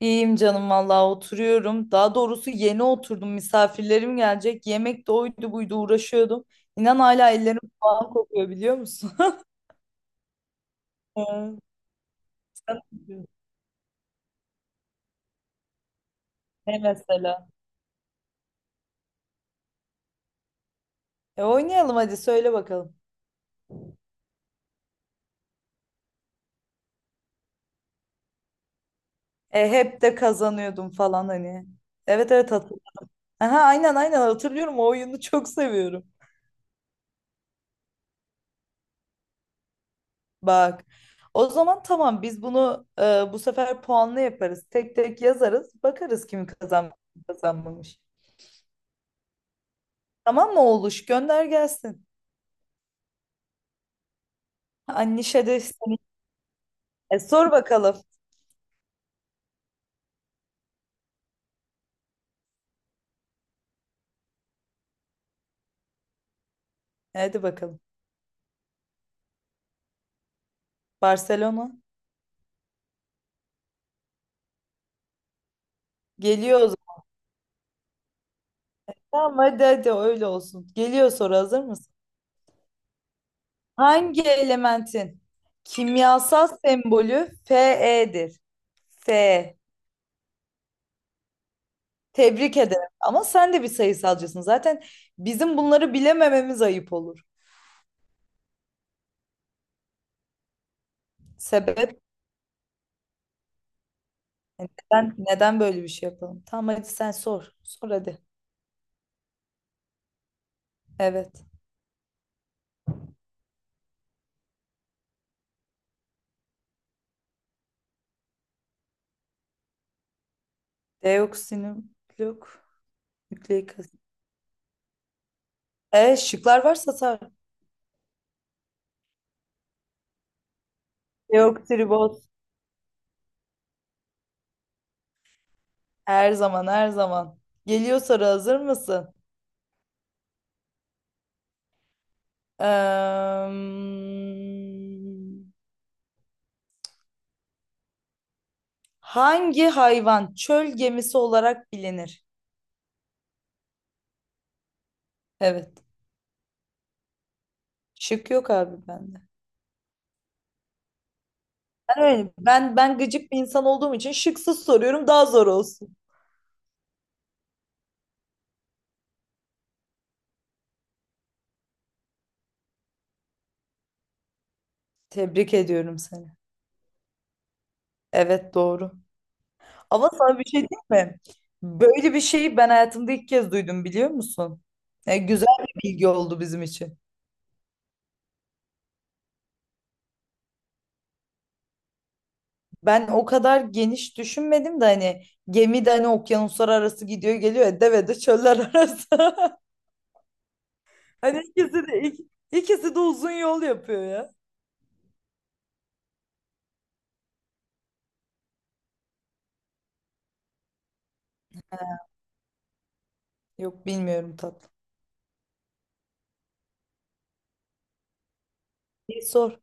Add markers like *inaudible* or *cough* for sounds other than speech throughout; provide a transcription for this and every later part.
İyiyim canım vallahi oturuyorum. Daha doğrusu yeni oturdum. Misafirlerim gelecek. Yemek de oydu buydu uğraşıyordum. İnan hala ellerim falan kokuyor biliyor musun? *laughs* Ee, sen ne diyorsun? Ne mesela? E, oynayalım hadi söyle bakalım. E hep de kazanıyordum falan hani. Evet evet, hatırlıyorum. Aha, aynen aynen hatırlıyorum. O oyunu çok seviyorum. Bak. O zaman tamam, biz bunu bu sefer puanlı yaparız. Tek tek yazarız. Bakarız kim kazanmış, kim kazanmamış. Tamam mı oğluş? Gönder gelsin. Anişa de seni. E, sor bakalım. Hadi bakalım. Barcelona. Geliyor o zaman. Tamam, hadi hadi öyle olsun. Geliyor soru, hazır mısın? Hangi elementin kimyasal sembolü Fe'dir? Fe. Tebrik ederim. Ama sen de bir sayısalcısın. Zaten bizim bunları bilemememiz ayıp olur. Sebep. E, neden böyle bir şey yapalım? Tamam, hadi sen sor. Sor hadi. Evet. Deoksinim yok. Nükleik asit. E, şıklar varsa sor. Deoksiriboz. Her zaman her zaman. Geliyor soru, hazır mısın? Eee, hangi hayvan çöl gemisi olarak bilinir? Evet. Şık yok abi bende. Ben öyle, ben gıcık bir insan olduğum için şıksız soruyorum, daha zor olsun. Tebrik ediyorum seni. Evet, doğru. Ama sana bir şey diyeyim mi? Böyle bir şeyi ben hayatımda ilk kez duydum biliyor musun? E, güzel bir bilgi oldu bizim için. Ben o kadar geniş düşünmedim de, hani gemi de, hani okyanuslar arası gidiyor geliyor ya, deve de çöller arası. *laughs* Hani ikisi de uzun yol yapıyor ya. Yok bilmiyorum tatlı. Bir sor.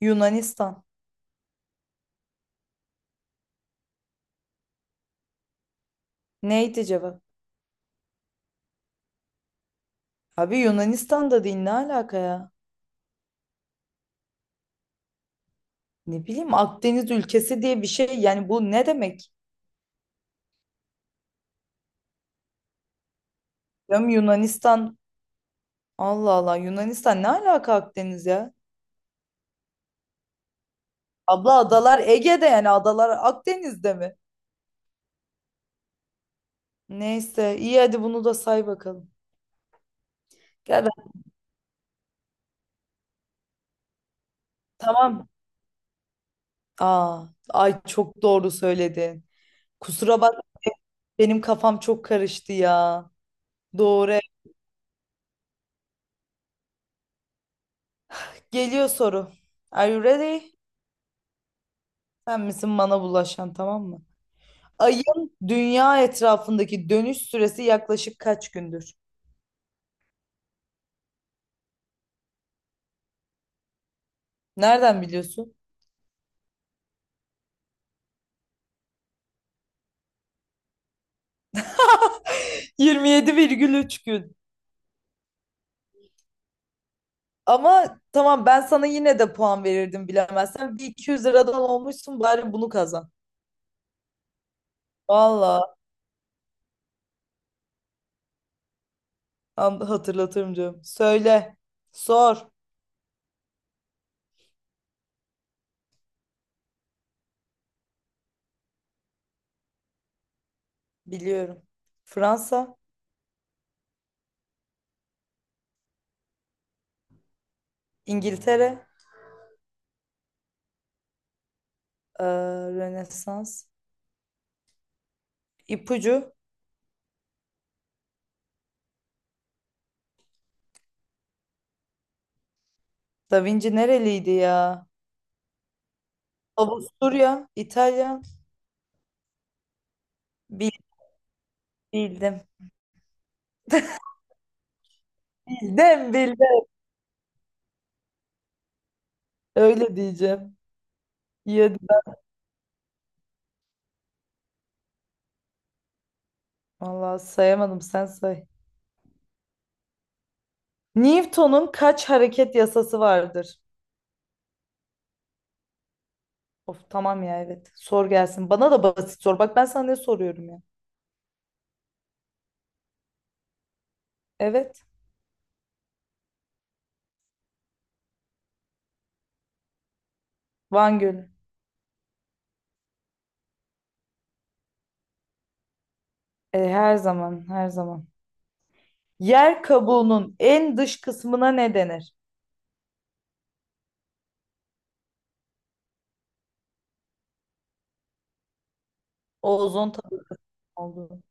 Yunanistan. Neydi cevap? Abi Yunanistan'da değil, ne alaka ya? Ne bileyim, Akdeniz ülkesi diye bir şey, yani bu ne demek? Ya Yunanistan, Allah Allah, Yunanistan ne alaka Akdeniz ya? Abla adalar Ege'de, yani adalar Akdeniz'de mi? Neyse, iyi hadi bunu da say bakalım. Ya ben- tamam. Aa, ay çok doğru söyledin. Kusura bak, benim kafam çok karıştı ya. Doğru. Geliyor soru. Are you ready? Sen misin bana bulaşan, tamam mı? Ayın dünya etrafındaki dönüş süresi yaklaşık kaç gündür? Nereden biliyorsun? *laughs* 27,3 gün. Ama tamam, ben sana yine de puan verirdim bilemezsen. Bir 200 liradan olmuşsun, bari bunu kazan. Valla hatırlatırım canım, söyle. Sor. Biliyorum. Fransa, İngiltere, eee, Rönesans, İpucu. Da Vinci nereliydi ya? Avusturya, İtalya. Bil- Bildim. Bildim, bildim. Öyle diyeceğim. İyi hadi. Vallahi sayamadım, sen say. Newton'un kaç hareket yasası vardır? Of tamam ya, evet. Sor gelsin. Bana da basit sor. Bak ben sana ne soruyorum ya. Evet. Van Gölü. E, her zaman her zaman. Yer kabuğunun en dış kısmına ne denir? Ozon oldu.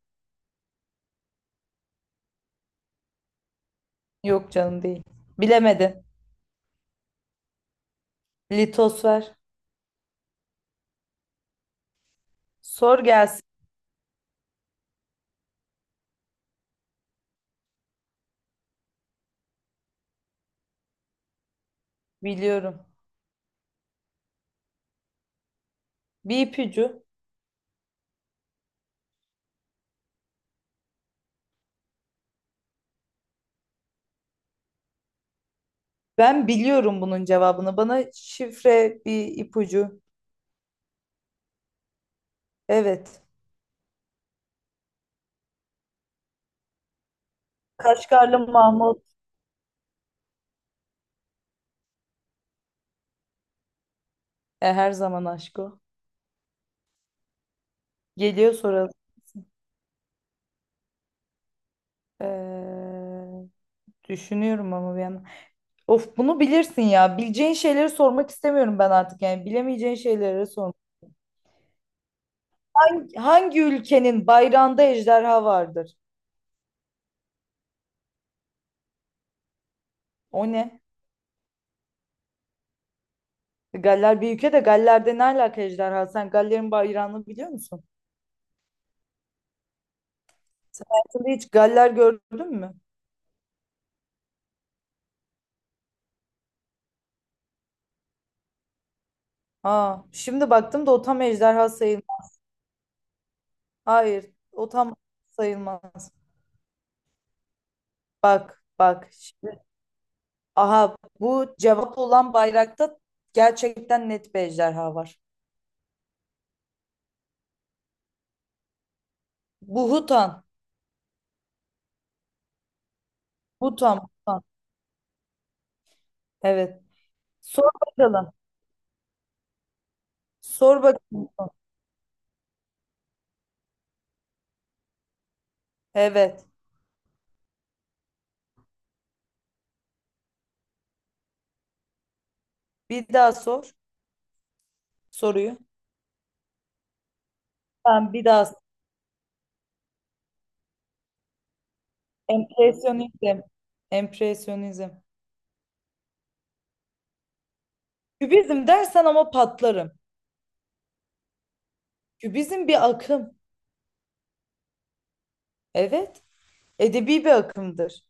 Yok canım, değil. Bilemedin. Litos ver. Sor gelsin. Biliyorum. Bir ipucu. Ben biliyorum bunun cevabını. Bana şifre bir ipucu. Evet. Kaşgarlı Mahmut. E, her zaman aşk o. Geliyor sonra. Ee, düşünüyorum ama bir yandan. Of, bunu bilirsin ya. Bileceğin şeyleri sormak istemiyorum ben artık. Yani bilemeyeceğin şeyleri sor. Hangi ülkenin bayrağında ejderha vardır? O ne? Galler bir ülke de, Galler'de ne alaka ejderha? Sen Galler'in bayrağını biliyor musun? Sen hayatında hiç Galler gördün mü? Aa, şimdi baktım da o tam ejderha sayılmaz. Hayır, o tam sayılmaz. Bak, bak. Şimdi, aha bu cevap olan bayrakta gerçekten net bir ejderha var. Bu Hutan. Hutan, Hutan. Evet. Sor bakalım. Sor bakalım. Evet. Bir daha sor soruyu. Tamam, bir daha. Empresyonizm. Empresyonizm. Kübizm dersen ama patlarım. Kübizm bir akım. Evet. Edebi bir akımdır.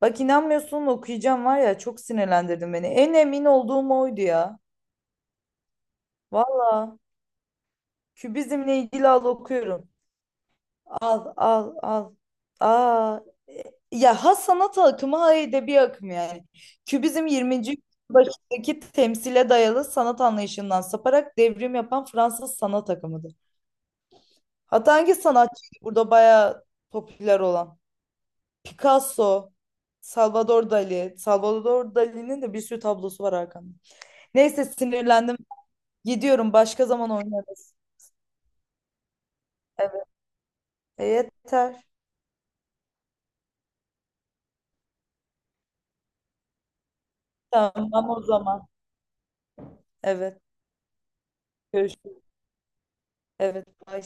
Bak inanmıyorsun, okuyacağım var ya, çok sinirlendirdin beni. En emin olduğum oydu ya. Valla. Kübizmle ilgili al, okuyorum. Al al al. Aa. e, Ya ha sanat akımı, ha edebi akım yani. Kübizm 20. başındaki temsile dayalı sanat anlayışından saparak devrim yapan Fransız sanat akımıdır. Hatta hangi sanatçıydı burada bayağı popüler olan? Picasso, Salvador Dali. Salvador Dali'nin de bir sürü tablosu var arkamda. Neyse, sinirlendim. Gidiyorum. Başka zaman oynarız. Evet. E, yeter. Tamam o zaman. Evet. Görüşürüz. Evet. Bye.